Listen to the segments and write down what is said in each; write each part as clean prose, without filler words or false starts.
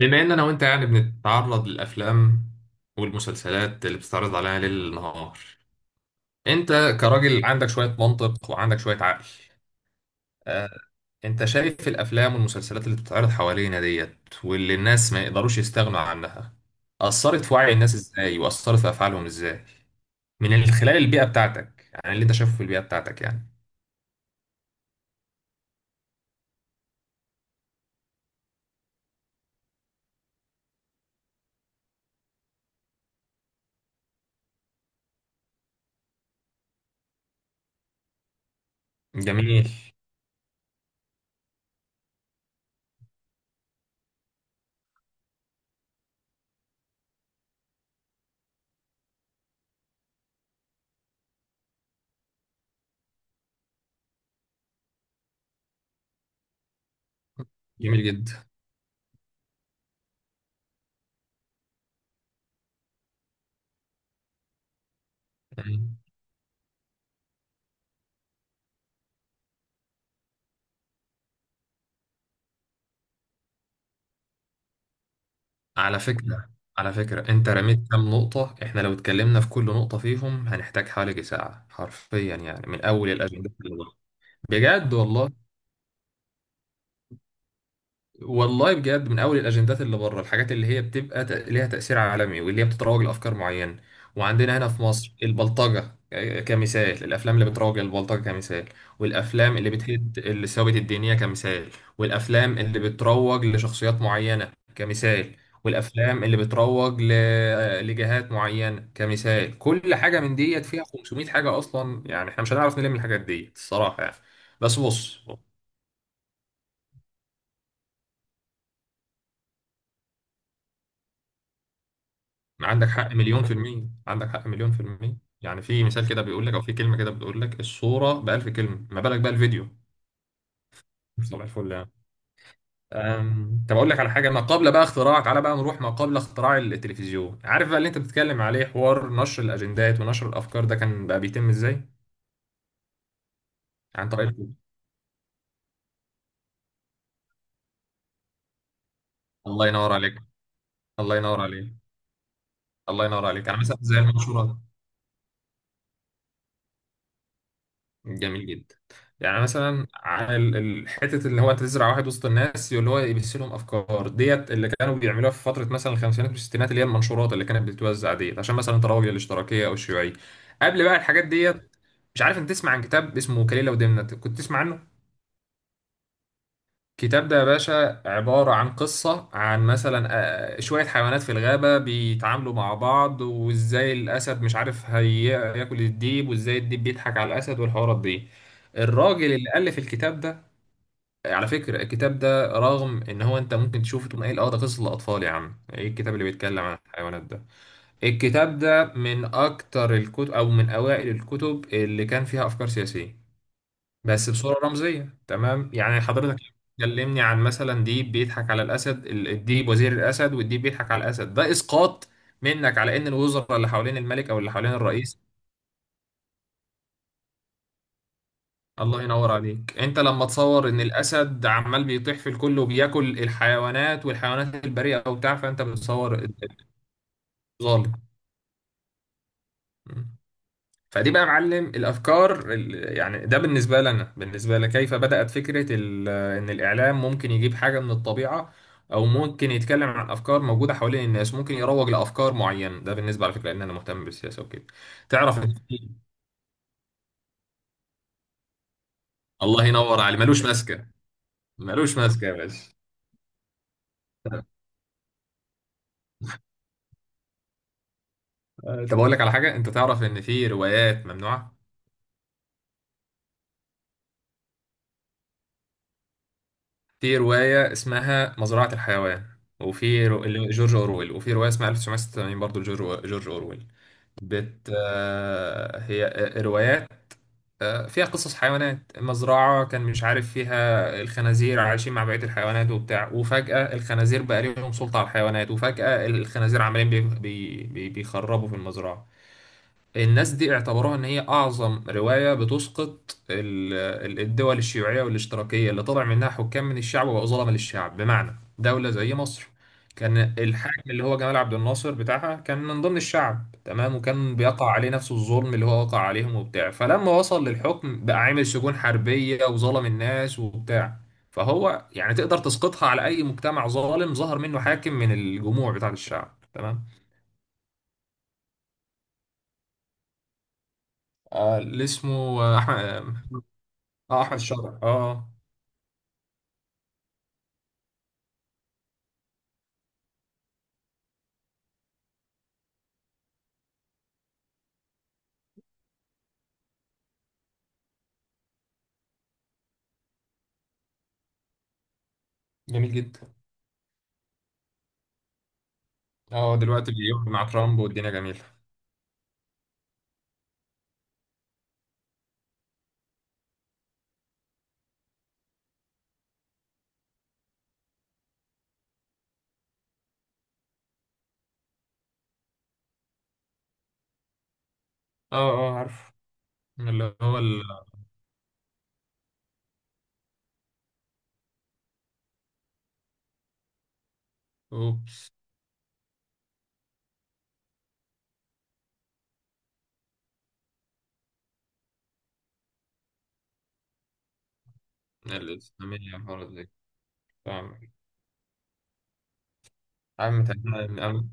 بما ان انا وانت يعني بنتعرض للافلام والمسلسلات اللي بتستعرض علينا ليل نهار. انت كراجل عندك شوية منطق وعندك شوية عقل. آه، انت شايف الافلام والمسلسلات اللي بتتعرض حوالينا ديت واللي الناس ما يقدروش يستغنوا عنها اثرت في وعي الناس ازاي واثرت في افعالهم ازاي، من خلال البيئة بتاعتك يعني اللي انت شايفه في البيئة بتاعتك يعني. جميل جميل جدا. على فكرة على فكرة انت رميت كام نقطة، احنا لو اتكلمنا في كل نقطة فيهم هنحتاج حوالي ساعة حرفيا يعني، من اول الاجندات اللي ورا. بجد والله. والله بجد، من اول الاجندات اللي بره الحاجات اللي هي بتبقى ليها تاثير عالمي واللي هي بتتروج لافكار معينه، وعندنا هنا في مصر البلطجه كمثال، الافلام اللي بتروج للبلطجه كمثال، والافلام اللي بتهد الثوابت الدينيه كمثال، والافلام اللي بتروج لشخصيات معينه كمثال، والافلام اللي بتروج ل... آه، لجهات معينه كمثال. كل حاجه من ديت فيها 500 حاجه اصلا يعني، احنا مش هنعرف نلم الحاجات ديت الصراحه يعني. بس بص، عندك حق مليون في المية، عندك حق مليون في المية، يعني في مثال كده بيقول لك أو في كلمة كده بتقول لك الصورة بألف كلمة، ما بالك بقى الفيديو. صباح الفل يعني. طب أقول لك على حاجة، ما قبل بقى اختراع، تعالى بقى نروح ما قبل اختراع التلفزيون، عارف بقى اللي أنت بتتكلم عليه حوار نشر الأجندات ونشر الأفكار ده كان بقى بيتم إزاي؟ عن طريق الفيديو. الله ينور عليك. الله ينور عليك. الله ينور عليك، يعني مثلا زي المنشورات. جميل جدا. يعني مثلا على حته اللي هو انت تزرع واحد وسط الناس اللي هو يبث لهم افكار ديت، اللي كانوا بيعملوها في فتره مثلا الخمسينات والستينات، اللي هي المنشورات اللي كانت بتتوزع ديت عشان مثلا تراوي الاشتراكيه او الشيوعيه قبل بقى الحاجات ديت. مش عارف انت تسمع عن كتاب اسمه كليله ودمنه، كنت تسمع عنه؟ الكتاب ده يا باشا عبارة عن قصة عن مثلا شوية حيوانات في الغابة بيتعاملوا مع بعض، وازاي الأسد مش عارف هياكل الديب، وازاي الديب بيضحك على الأسد، والحوارات دي. الراجل اللي ألف الكتاب ده، على فكرة الكتاب ده رغم إن هو أنت ممكن تشوفه تقول إيه، اه ده قصة لأطفال يا عم، إيه الكتاب اللي بيتكلم عن الحيوانات ده. الكتاب ده من أكتر الكتب أو من أوائل الكتب اللي كان فيها أفكار سياسية، بس بصورة رمزية. تمام يعني حضرتك كلمني عن مثلا ديب بيضحك على الأسد، الديب وزير الأسد والديب بيضحك على الأسد، ده إسقاط منك على إن الوزراء اللي حوالين الملك أو اللي حوالين الرئيس. الله ينور عليك. أنت لما تصور إن الأسد عمال بيطيح في الكل وبياكل الحيوانات والحيوانات البريئة وبتاع، فأنت بتصور الظالم. فدي بقى يا معلم الافكار، يعني ده بالنسبه لنا بالنسبه لي كيف بدات فكره ان الاعلام ممكن يجيب حاجه من الطبيعه او ممكن يتكلم عن افكار موجوده حوالين الناس، ممكن يروج لافكار معينه. ده بالنسبه، على فكره ان انا مهتم بالسياسه وكده. تعرف إن في- الله ينور عليه، ملوش ماسكه. ملوش ماسكه يا باشا. طب اقول لك على حاجه، انت تعرف ان في روايات ممنوعه؟ في روايه اسمها مزرعه الحيوان، وفي رو... جورج اورويل، وفي روايه اسمها 1986 برضه جورج اورويل. بت آه، هي آه، روايات، فيها قصص حيوانات، مزرعة كان مش عارف فيها الخنازير عايشين مع بقية الحيوانات وبتاع، وفجأة الخنازير بقى ليهم سلطة على الحيوانات، وفجأة الخنازير عمالين بيخربوا في المزرعة. الناس دي اعتبروها ان هي اعظم رواية بتسقط الدول الشيوعية والاشتراكية اللي طلع منها حكام من الشعب وبقوا ظلمة للشعب، بمعنى دولة زي مصر. كان الحاكم اللي هو جمال عبد الناصر بتاعها كان من ضمن الشعب، تمام، وكان بيقع عليه نفس الظلم اللي هو وقع عليهم وبتاع، فلما وصل للحكم بقى عامل سجون حربية وظلم الناس وبتاع. فهو يعني تقدر تسقطها على اي مجتمع ظالم ظهر منه حاكم من الجموع بتاع الشعب، تمام. آه، اللي اسمه آه، احمد. اه احمد الشرع. جميل جدا. اه دلوقتي بيقعد مع ترامب والدنيا جميله. اه اه عارف، اللي هو اوبس. الاسلاميه الحوارات دي. فاهم. عم تمام عم.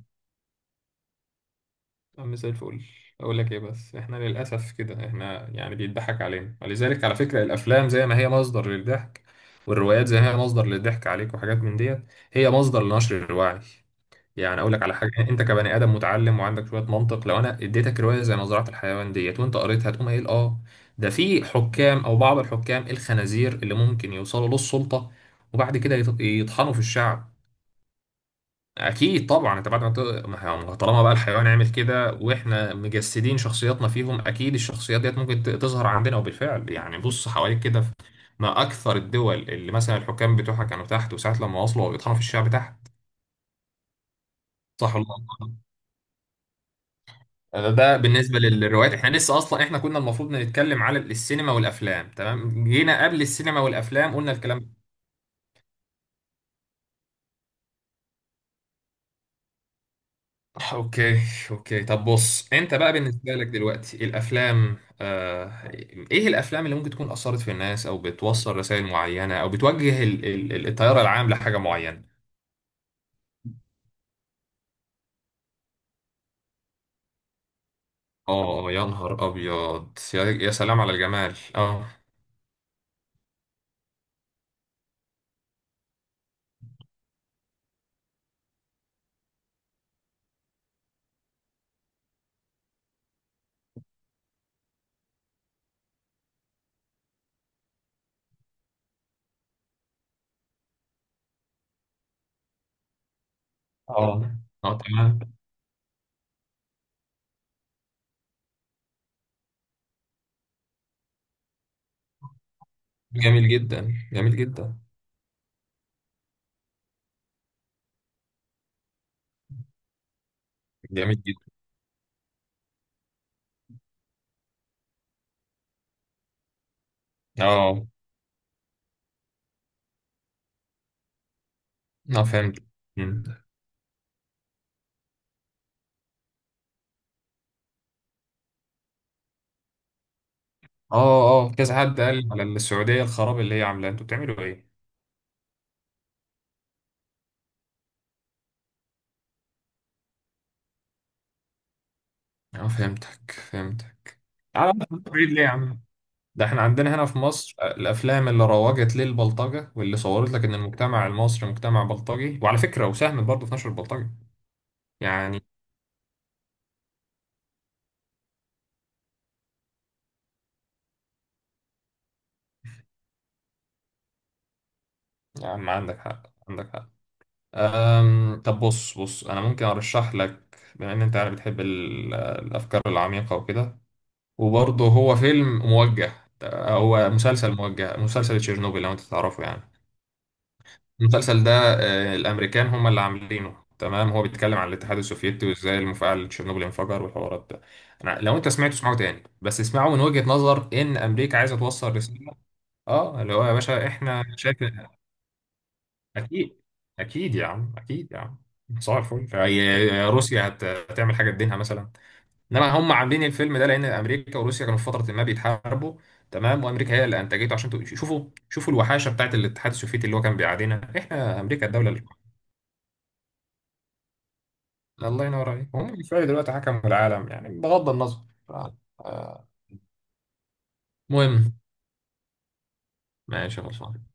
عم زي الفل. اقول لك ايه، بس احنا للاسف كده احنا يعني بيضحك علينا، ولذلك على فكره الافلام زي ما هي مصدر للضحك والروايات زي ما هي مصدر للضحك عليك وحاجات من ديت، هي مصدر لنشر الوعي. يعني اقول لك على حاجه، انت كبني ادم متعلم وعندك شويه منطق، لو انا اديتك روايه زي مزرعه الحيوان ديت وانت قريتها تقوم قايل اه، ده في حكام او بعض الحكام الخنازير اللي ممكن يوصلوا للسلطه وبعد كده يطحنوا في الشعب. اكيد طبعا انت بعد ما ت... ما هو- ما طالما بقى الحيوان عمل كده واحنا مجسدين شخصياتنا فيهم، اكيد الشخصيات ديت ممكن تظهر عندنا. وبالفعل يعني بص حواليك كده ما اكثر الدول اللي مثلا الحكام بتوعها كانوا تحت وساعه لما وصلوا بيطحنوا في الشعب تحت. صح ولا لا؟ ده بالنسبة للروايات، احنا لسه اصلا احنا كنا المفروض نتكلم على السينما والافلام، تمام، جينا قبل السينما والافلام قلنا الكلام ده. اوكي. اوكي طب بص، انت بقى بالنسبة لك دلوقتي الافلام، ايه الافلام اللي ممكن تكون اثرت في الناس او بتوصل رسائل معينة او بتوجه التيار العام لحاجة معينة. اه. يا نهار ابيض، يا سلام على الجمال. اه اه اه تمام. جميل جدا. جميل جدا. جميل جدا. اه اه فهمت. اه اه كذا حد قال على السعودية الخراب اللي هي عاملاه، انتوا بتعملوا ايه؟ اه فهمتك فهمتك. على بعيد ليه يا عم؟ ده احنا عندنا هنا في مصر الافلام اللي روجت للبلطجة واللي صورت لك ان المجتمع المصري مجتمع بلطجي، وعلى فكرة وساهمت برضه في نشر البلطجة. يعني يا عم عندك حق. عندك حق. أم طب بص بص، انا ممكن ارشح لك بما ان انت يعني بتحب الافكار العميقة وكده، وبرضه هو فيلم موجه، هو مسلسل موجه، مسلسل تشيرنوبل لو انت تعرفه يعني. المسلسل ده، الامريكان هم اللي عاملينه، تمام، هو بيتكلم عن الاتحاد السوفيتي وازاي المفاعل تشيرنوبل انفجر والحوارات ده. انا لو انت سمعته اسمعه تاني، بس اسمعه من وجهة نظر ان امريكا عايزه توصل رساله. اه، اللي هو يا باشا احنا شايف. اكيد. اكيد يا عم، اكيد يا عم. صباح الفل. روسيا هتعمل حاجه تدينها مثلا؟ انما هم عاملين الفيلم ده لان امريكا وروسيا كانوا في فتره ما بيتحاربوا، تمام، وامريكا هي اللي انتجته عشان شوفوا، شوفوا الوحاشه بتاعت الاتحاد السوفيتي اللي هو كان بيعادينا احنا امريكا الدوله. الله ينور عليك، هم شوية دلوقتي حكموا العالم يعني بغض النظر. ف- آه، مهم. ماشي خلصان.